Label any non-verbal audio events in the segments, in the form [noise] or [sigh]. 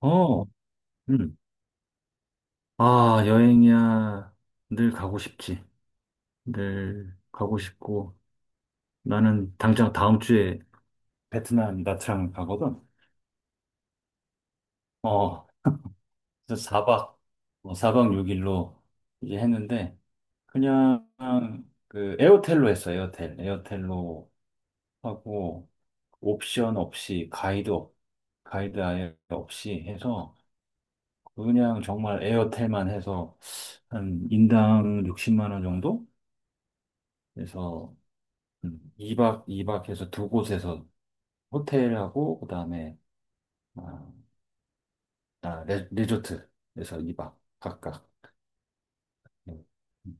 어, 음. 아, 여행이야. 늘 가고 싶지. 늘 가고 싶고. 나는 당장 다음 주에 베트남 나트랑 가거든. 어, 그래서 4박, 사박 6일로 이제 했는데, 그냥 그 에어텔로 했어, 에어텔. 에어텔로 하고, 옵션 없이, 가이드, 가이드 아예 없이 해서, 그냥 정말 에어텔만 해서, 한 인당 60만 원 정도? 그래서 2박 2박 해서 두 곳에서 호텔하고 그다음에 아, 리조트에서 2박 각각. 음, 음,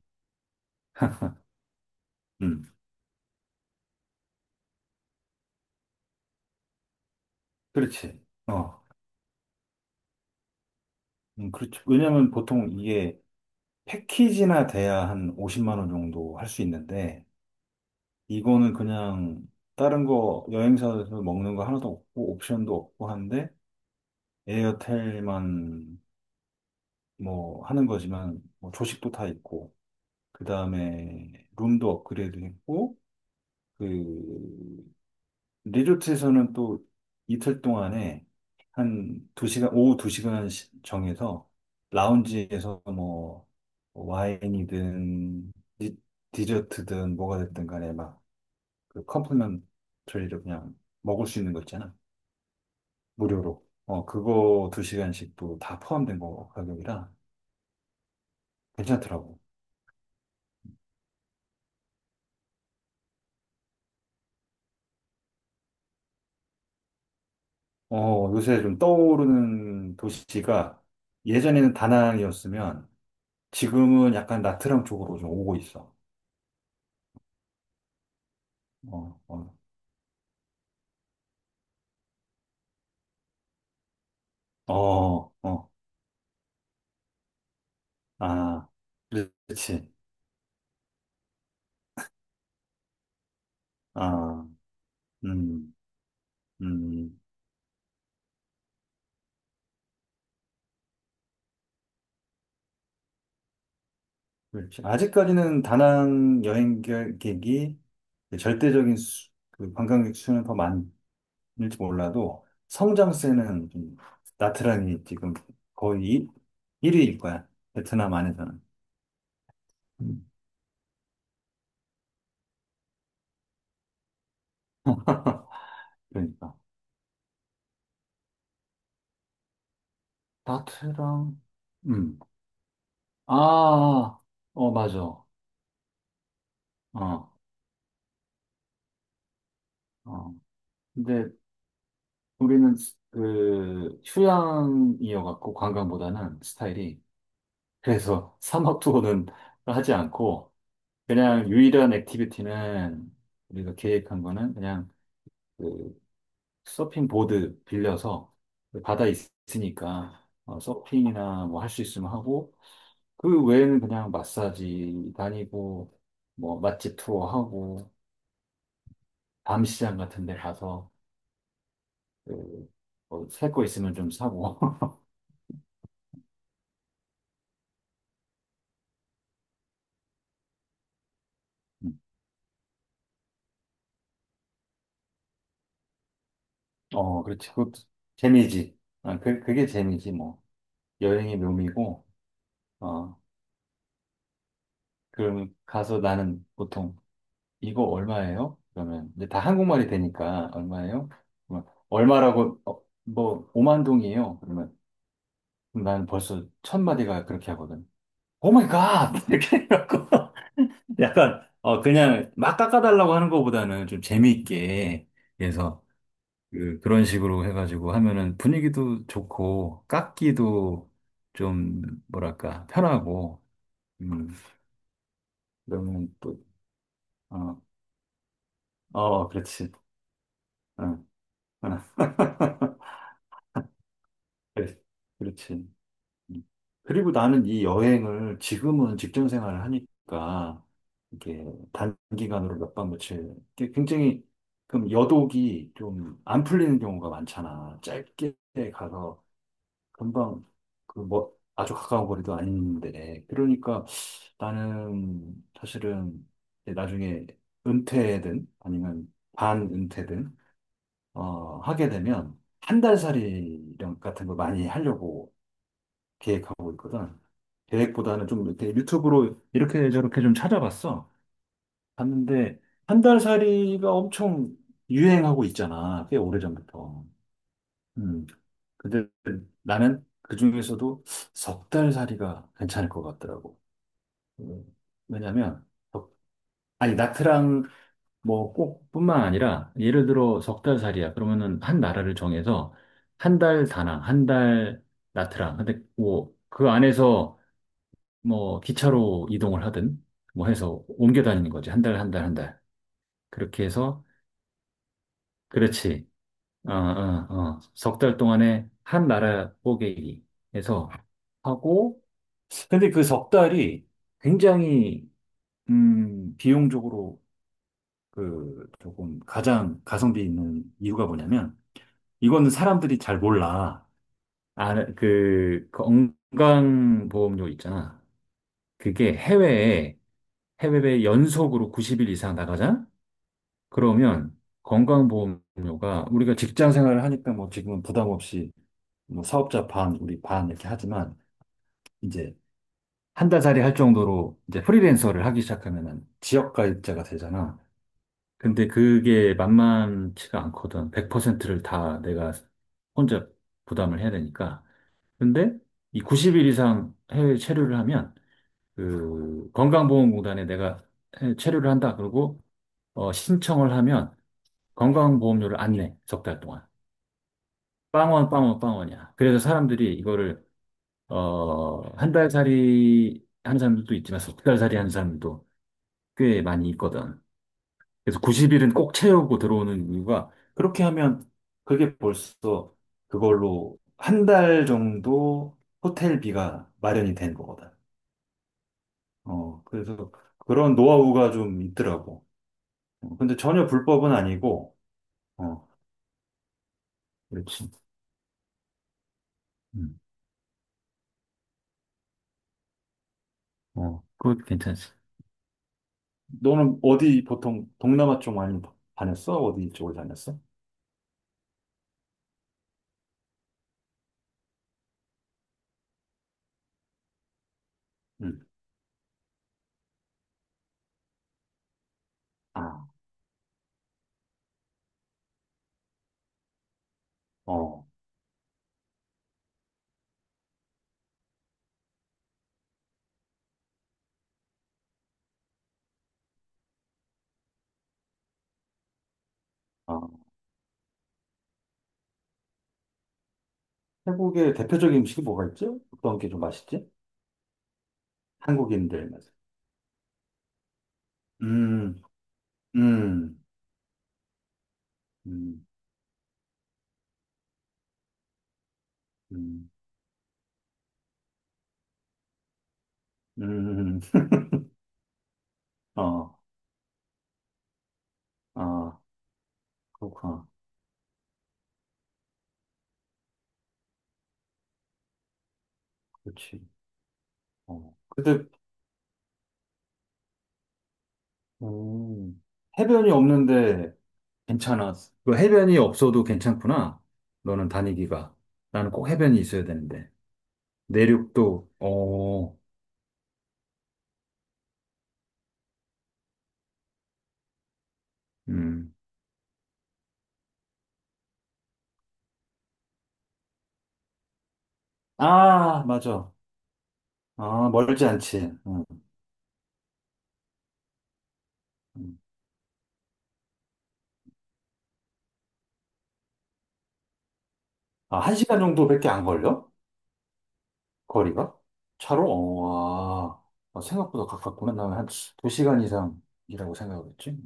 음. 그렇지. 어. 그렇죠. 왜냐면 보통 이게 패키지나 돼야 한 50만 원 정도 할 수 있는데 이거는 그냥 다른 거 여행사에서 먹는 거 하나도 없고 옵션도 없고 한데 에어텔만 뭐 하는 거지만 뭐 조식도 다 있고 그다음에 룸도 업그레이드 했고 그 리조트에서는 또 이틀 동안에 한 2시간 오후 2시간 정해서 라운지에서 뭐 와인이든 디, 디저트든 뭐가 됐든 간에 막그 컴플리먼트리로 그냥 먹을 수 있는 거 있잖아. 무료로. 어, 그거 2시간씩또 다 포함된 거 가격이라 괜찮더라고. 어, 요새 좀 떠오르는 도시가 예전에는 다낭이었으면 지금은 약간 나트랑 쪽으로 좀 오고 있어. 어, 어, 어, 어, 아, 그렇지. 아, 음, 음, 그렇지. 아직까지는 다낭 여행객이 절대적인 수, 그 관광객 수는 더 많을지 몰라도 성장세는 좀 나트랑이 지금 거의 1위일 거야. 베트남 안에서는. 음, 그러니까. 나트랑, 음, 아, 어, 맞아. 어, 어. 근데 우리는 그 휴양이어갖고 관광보다는 스타일이 그래서 [laughs] 사막 투어는 하지 않고 그냥 유일한 액티비티는 우리가 계획한 거는 그냥 그 서핑 보드 빌려서 그 바다 으니까 어, 서핑이나 뭐 할 수 있으면 하고 그 외에는 그냥 마사지 다니고 뭐 맛집 투어 하고 밤시장 같은 데 가서 그뭐살거 있으면 좀 사고 [laughs] 어, 그렇지. 그것도 재미지. 아, 그게 재미지, 뭐. 여행의 묘미고, 어, 그럼 가서 나는 보통, 이거 얼마예요? 그러면, 이제 다 한국말이 되니까, 얼마예요? 그러면 얼마라고, 어, 뭐, 5만 동이에요. 그러면, 그럼 나는 벌써 첫 마디가 그렇게 하거든. 오 마이 갓! [laughs] 이렇게 해갖고, [laughs] 약간, 그냥 막 깎아달라고 하는 것보다는 좀 재미있게, 그래서, 그런 식으로 해가지고 하면은 분위기도 좋고, 깎기도 좀, 뭐랄까, 편하고, 음, 그러면 또, 어, 어, 그렇지. 어, 어, 그래, 그렇지. 음. 그리고 나는 이 여행을 지금은 직장 생활을 하니까, 이게 단기간으로 몇 박 며칠, 이게 굉장히, 그럼 여독이 좀 안 풀리는 경우가 많잖아. 짧게 가서 금방 그 뭐 아주 가까운 거리도 아닌데 그러니까 나는 사실은 이제 나중에 은퇴든 아니면 반은퇴든 어 하게 되면 한 달살이 이런 같은 거 많이 하려고 계획하고 있거든. 계획보다는 좀 이렇게 유튜브로 이렇게 저렇게 좀 찾아봤어 봤는데 한 달살이가 엄청 유행하고 있잖아 꽤 오래전부터. 음. 근데 나는 그 중에서도 석 달 살이가 괜찮을 것 같더라고. 음, 왜냐면, 석- 아니, 나트랑 뭐 꼭뿐만 아니라, 예를 들어 석 달 살이야. 그러면은 한 나라를 정해서 한 달 다낭, 한 달 나트랑. 근데 뭐, 그 안에서 뭐 기차로 이동을 하든 뭐 해서 옮겨 다니는 거지. 한 달, 한 달, 한 달. 그렇게 해서, 그렇지. 아, 아, 아. 석달 동안에 한 나라 뽀개기 해서 하고, 근데 그 석 달이 굉장히, 비용적으로 그 조금 가장 가성비 있는 이유가 뭐냐면, 이거는 사람들이 잘 몰라. 아, 그 건강보험료 있잖아. 그게 해외에, 해외에 연속으로 90일 이상 나가자? 그러면 건강보험료가 우리가 직장 생활을 하니까 뭐 지금은 부담 없이 뭐 사업자 반, 우리 반 이렇게 하지만 이제 한 달짜리 할 정도로 이제 프리랜서를 하기 시작하면은 지역 가입자가 되잖아. 근데 그게 만만치가 않거든. 100%를 다 내가 혼자 부담을 해야 되니까. 근데 이 90일 이상 해외 체류를 하면 그 건강보험공단에 내가 해외 체류를 한다. 그러고 어, 신청을 하면 건강보험료를 안 내. 석 달 동안. 빵원, 빵원, 빵원이야. 그래서 사람들이 이거를 한 달 살이 하는 사람들도 있지만 석 달 살이 하는 사람들도 꽤 많이 있거든. 그래서 90일은 꼭 채우고 들어오는 이유가 그렇게 하면 그게 벌써 그걸로 한 달 정도 호텔비가 마련이 된 거거든. 어, 그래서 그런 노하우가 좀 있더라고. 어, 근데 전혀 불법은 아니고, 어, 그렇지. 음, 어, 그거 괜찮지. 너는 어디 보통 동남아 쪽 많이 다녔어? 어디 쪽을 다녔어? 음. 아, 어. 아, 태국의 대표적인 음식이 뭐가 있지? 어떤 게 좀 맛있지? 한국인들. 맛 음, 음, 음, 음, 음, 어, 아, 그렇구나. 그렇지. 어. 근데, 음, 해변이 없는데 괜찮아. 그 해변이 없어도 괜찮구나. 너는 다니기가. 나는 꼭 해변이 있어야 되는데. 내륙도, 어, 음. 아, 맞아. 아, 멀지 않지. 음, 음. 아, 한 시간 정도밖에 안 걸려? 거리가? 차로? 어, 와. 아, 생각보다 가깝구나. 나는 한 2시간 이상이라고 생각을 했지.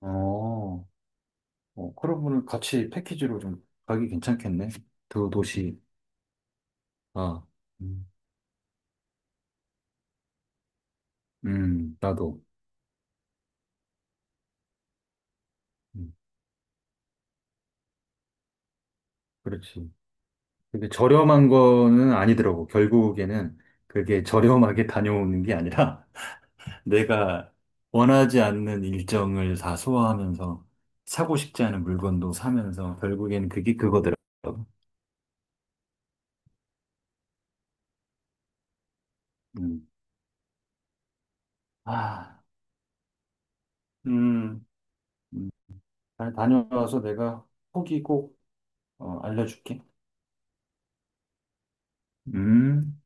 어, 어, 그러면 같이 패키지로 좀 가기 괜찮겠네. 두 도시. 아, 음, 나도. 음, 그렇지. 그게 저렴한 거는 아니더라고. 결국에는 그게 저렴하게 다녀오는 게 아니라 [laughs] 내가 원하지 않는 일정을 다 소화하면서 사고 싶지 않은 물건도 사면서 결국엔 그게 그거더라고. 음. 아, 음, 음, 잘 다녀와서 내가 후기 꼭 어, 알려줄게. 음.